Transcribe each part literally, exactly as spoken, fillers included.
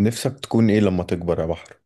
نفسك تكون ايه لما تكبر يا بحر؟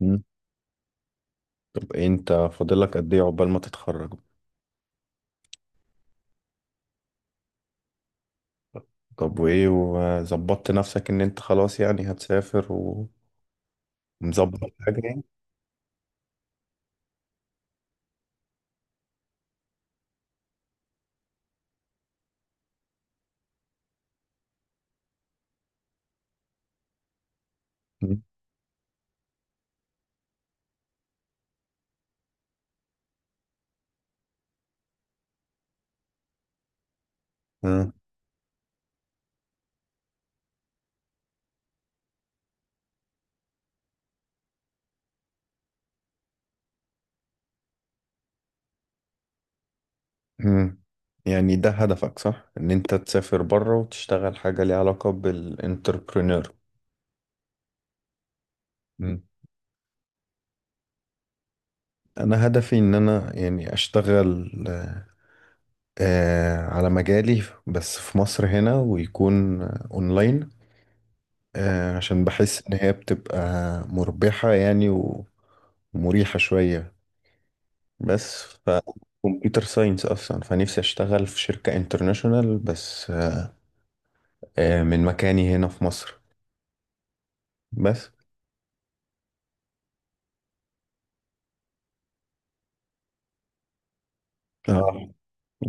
مم. طب إيه، انت فاضلك قد ايه عقبال ما تتخرج؟ طب وايه، وظبطت نفسك ان انت خلاص يعني هتسافر و- ومظبط حاجة يعني؟ مم. آه. مم. يعني ده هدفك، صح؟ ان انت تسافر بره وتشتغل حاجة ليها علاقة بالانتربرينور. مم. انا هدفي ان انا يعني اشتغل آه، على مجالي، بس في مصر هنا ويكون اونلاين، آه، عشان بحس ان هي بتبقى مربحة يعني و- ومريحة شوية. بس ف كمبيوتر ساينس اصلا، فنفسي اشتغل في شركة انترناشونال، بس آه، آه، من مكاني هنا في مصر، بس. اه،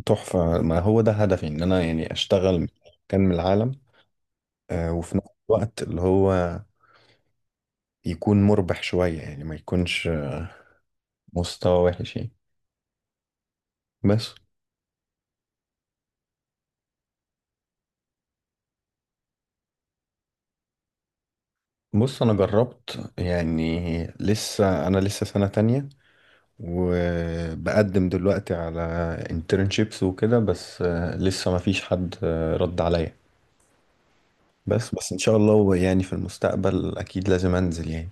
تحفة. ما هو ده هدفي ان انا يعني اشتغل من مكان من العالم، آه، وفي نفس الوقت اللي هو يكون مربح شوية يعني، ما يكونش مستوى وحش يعني. بس. بص، انا جربت يعني. لسه انا لسه سنة تانية، وبقدم دلوقتي على internships وكده، بس آه، لسه ما فيش حد آه، رد عليا. بس بس ان شاء الله يعني في المستقبل اكيد لازم انزل يعني.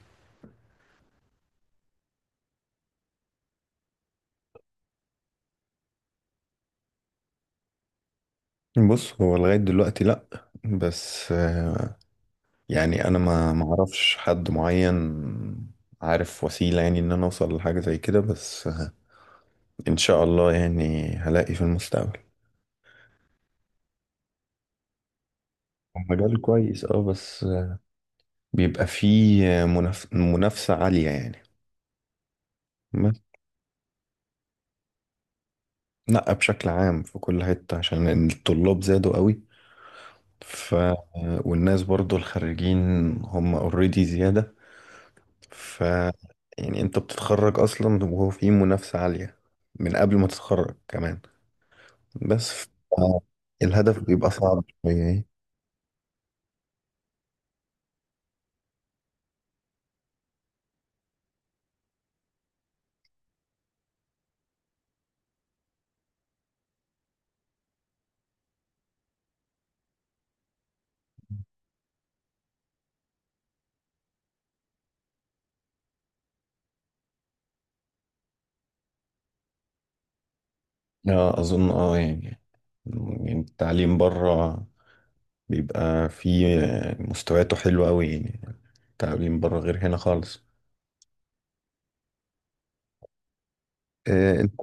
بص، هو لغاية دلوقتي لا. بس آه، يعني انا ما ما اعرفش حد معين عارف وسيلة يعني ان انا اوصل لحاجة زي كده. بس آه، ان شاء الله يعني هلاقي في المستقبل. هو مجال كويس، اه، بس آه، بيبقى فيه منف... منافسة عالية يعني. لا، بشكل عام، في كل حتة عشان الطلاب زادوا قوي، ف، والناس برضو، الخريجين، هم اوريدي زيادة، ف، يعني انت بتتخرج اصلا وهو في منافسة عالية، من قبل ما تتخرج كمان. بس ف. الهدف بيبقى صعب شوية يعني. لا، اظن، اه يعني يعني التعليم بره بيبقى فيه مستوياته حلوة قوي يعني. التعليم بره غير هنا خالص. آه، انت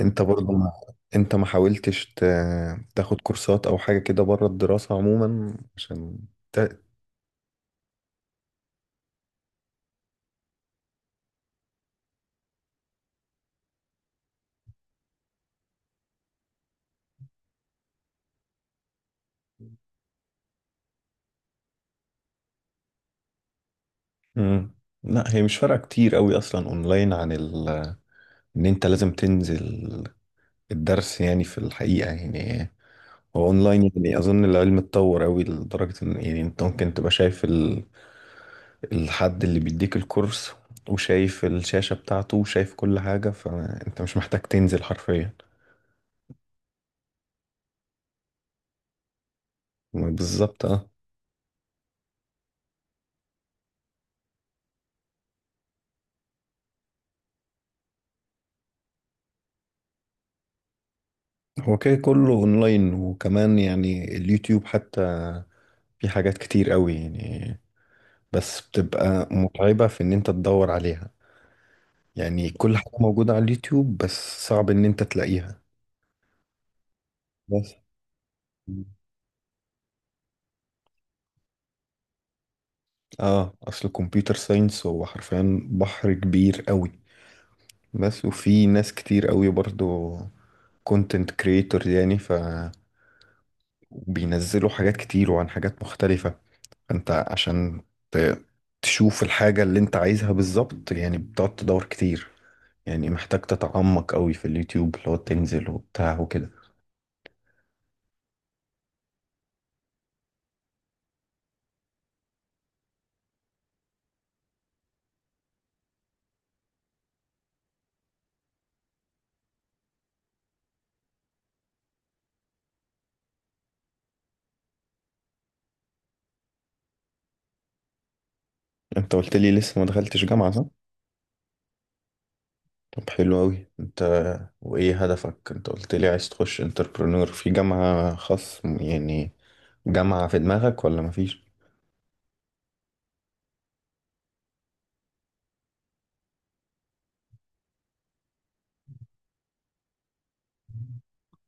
انت برضو ما انت ما حاولتش ت... تاخد كورسات او حاجة كده بره الدراسة عموما، عشان ت... مم. لا، هي مش فارقة كتير قوي اصلا، اونلاين عن ال... ان انت لازم تنزل الدرس يعني، في الحقيقة يعني. هو اونلاين، يعني اظن العلم اتطور قوي لدرجة ان يعني انت ممكن تبقى شايف ال... الحد اللي بيديك الكورس، وشايف الشاشة بتاعته وشايف كل حاجة، فانت مش محتاج تنزل حرفيا. بالظبط. اه، هو كده كله اونلاين، وكمان يعني اليوتيوب حتى، في حاجات كتير قوي يعني. بس بتبقى متعبة في ان انت تدور عليها، يعني كل حاجة موجودة على اليوتيوب بس صعب ان انت تلاقيها. بس. اه، اصل الكمبيوتر ساينس هو حرفيا بحر كبير قوي. بس وفي ناس كتير قوي برضو كونتنت كريتور، يعني ف بينزلوا حاجات كتير وعن حاجات مختلفة. انت عشان ت- تشوف الحاجة اللي انت عايزها بالظبط، يعني بتقعد تدور كتير، يعني محتاج تتعمق قوي في اليوتيوب لو تنزل وبتاع وكده. انت قلت لي لسه ما دخلتش جامعة، صح؟ طب حلو قوي، انت. وايه هدفك؟ انت قلت لي عايز تخش انتربرنور في جامعة خاص، يعني جامعة في دماغك ولا مفيش؟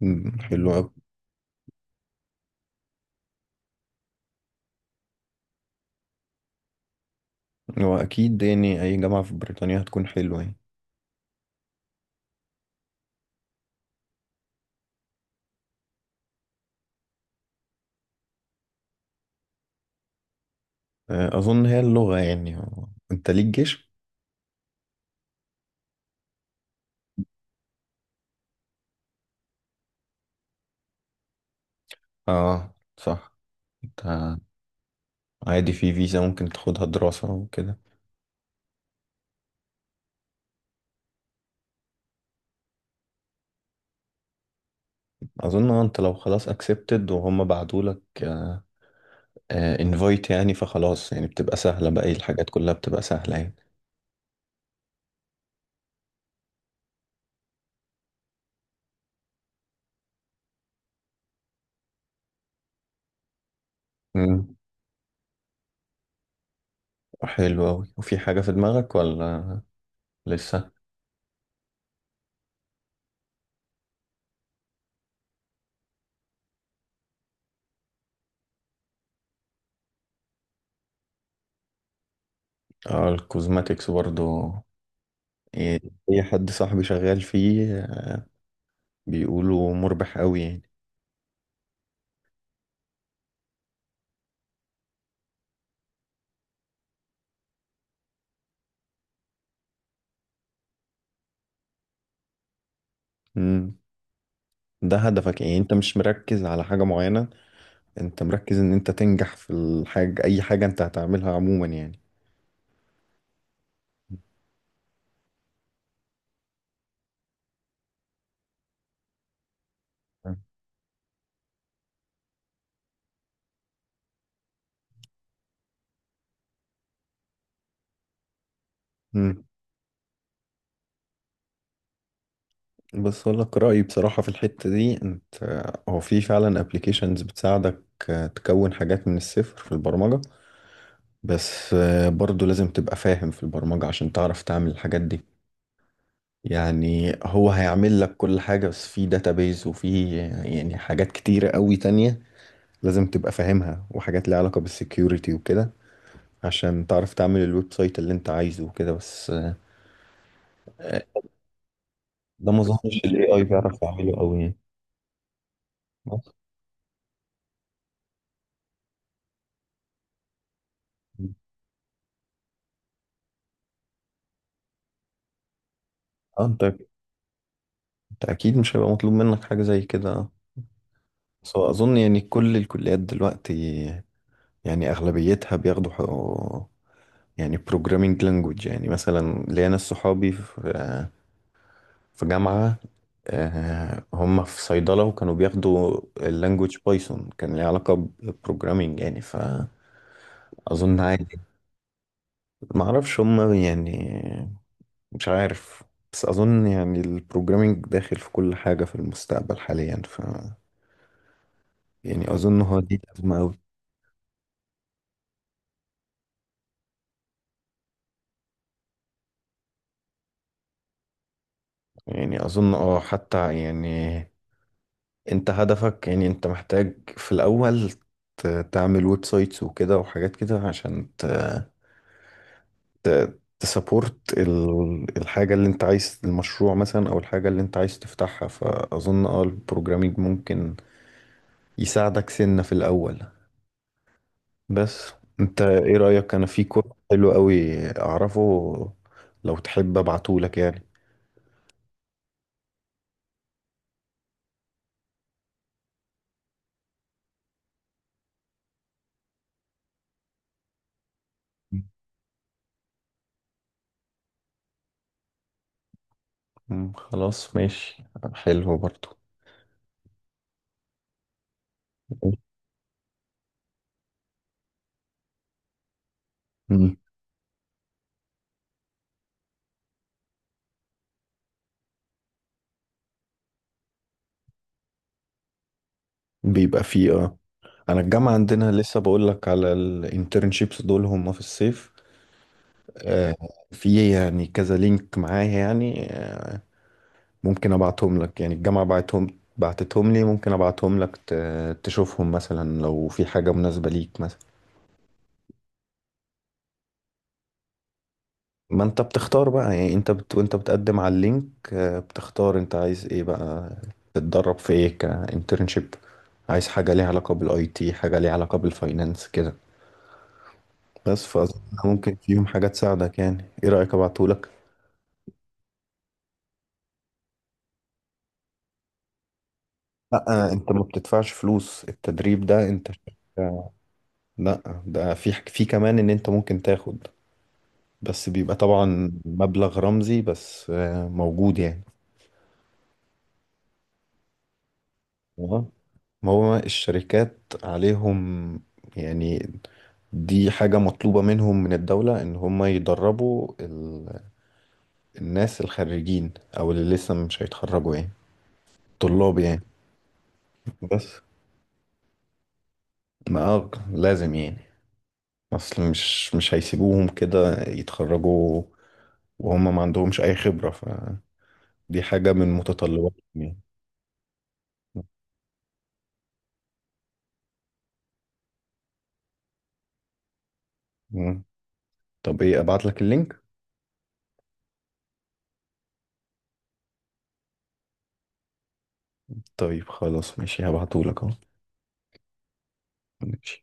مم، حلو قوي. هو اكيد يعني اي جامعة في بريطانيا هتكون حلوة يعني. اه، اظن هي اللغة يعني. انت ليك جيش؟ اه، صح. انت عادي في فيزا ممكن تاخدها دراسة وكده. أظن آه، أنت لو خلاص أكسبتد، وهم بعتولك انفايت، يعني فخلاص يعني بتبقى سهلة بقى، الحاجات كلها بتبقى سهلة يعني. مم. حلو أوي. وفي حاجة في دماغك ولا لسه؟ اه، الكوزماتكس برضو. إيه، أي حد صاحبي شغال فيه، آه، بيقولوا مربح أوي يعني. مم. ده هدفك يعني، انت مش مركز على حاجة معينة، انت مركز ان انت تنجح في الحاجة، اي حاجة انت هتعملها عموما يعني. مم. بس اقول لك رايي بصراحه في الحته دي، انت. هو في فعلا ابلكيشنز بتساعدك آه، تكون حاجات من الصفر في البرمجه. بس آه، برضو لازم تبقى فاهم في البرمجه عشان تعرف تعمل الحاجات دي، يعني هو هيعمل لك كل حاجه، بس في داتابيز وفي آه، يعني حاجات كتيره قوي تانية لازم تبقى فاهمها، وحاجات ليها علاقه بالسكيورتي وكده، عشان تعرف تعمل الويب سايت اللي انت عايزه وكده. بس آه، ده ما اظنش الاي اي بيعرف يعمله قوي يعني. بس. اه، انت انت اكيد مش هيبقى مطلوب منك حاجة زي كده. بس هو اظن يعني كل الكليات دلوقتي، يعني اغلبيتها بياخدوا حق- يعني بروجرامينج لانجوج. يعني مثلا ليا ناس صحابي في في جامعة، آه، هم في صيدلة وكانوا بياخدوا اللانجوج بايثون، كان ليه علاقة بالبروجرامينج يعني، فأظن. عادي، معرفش هم يعني، مش عارف. بس أظن يعني البروجرامينج داخل في كل حاجة في المستقبل حاليا، ف، يعني أظن هو دي الأزمة أوي. يعني اظن اه حتى، يعني انت هدفك، يعني انت محتاج في الاول ت- تعمل ويب سايتس وكده، وحاجات كده عشان ت... ت... تسابورت ال... الحاجة اللي انت عايز، المشروع مثلا او الحاجة اللي انت عايز تفتحها، فاظن اه البروجرامينج ممكن يساعدك سنة في الاول. بس انت ايه رأيك؟ انا في كورس حلو قوي اعرفه، لو تحب ابعتهولك يعني. مم، خلاص ماشي. حلو برضو. مم. بيبقى فيه، اه. انا الجامعه عندنا، لسه بقول لك على الانترنشيبس دول هم في الصيف، آه، في يعني كذا لينك معايا يعني، آه، ممكن ابعتهم لك يعني. الجامعه بعتهم بعتتهم لي، ممكن ابعتهم لك ت- تشوفهم مثلا لو في حاجه مناسبه ليك مثلا. ما انت بتختار بقى، يعني انت بت... وانت بتقدم على اللينك، آه، بتختار انت عايز ايه بقى، تتدرب في ايه كانترنشيب؟ عايز حاجه ليها علاقه بالاي تي، حاجه ليها علاقه بالفاينانس، كده. بس فأظن ممكن فيهم حاجة تساعدك يعني، ايه رأيك ابعتهولك؟ لا آه، انت ما بتدفعش فلوس التدريب ده، انت. لا، ده في حك- في كمان ان انت ممكن تاخد. بس بيبقى طبعا مبلغ رمزي، بس آه، موجود يعني. آه. ما هو الشركات عليهم يعني، دي حاجة مطلوبة منهم من الدولة ان هم يدربوا ال... الناس الخريجين، او اللي لسه مش هيتخرجوا يعني، طلاب يعني. بس ما آه، لازم يعني. اصل مش مش هيسيبوهم كده يتخرجوا وهم ما عندهمش اي خبرة، فدي حاجة من متطلباتهم يعني. مم. طب ايه، ابعت لك اللينك؟ طيب خلاص ماشي، هبعته لك اهو. ماشي.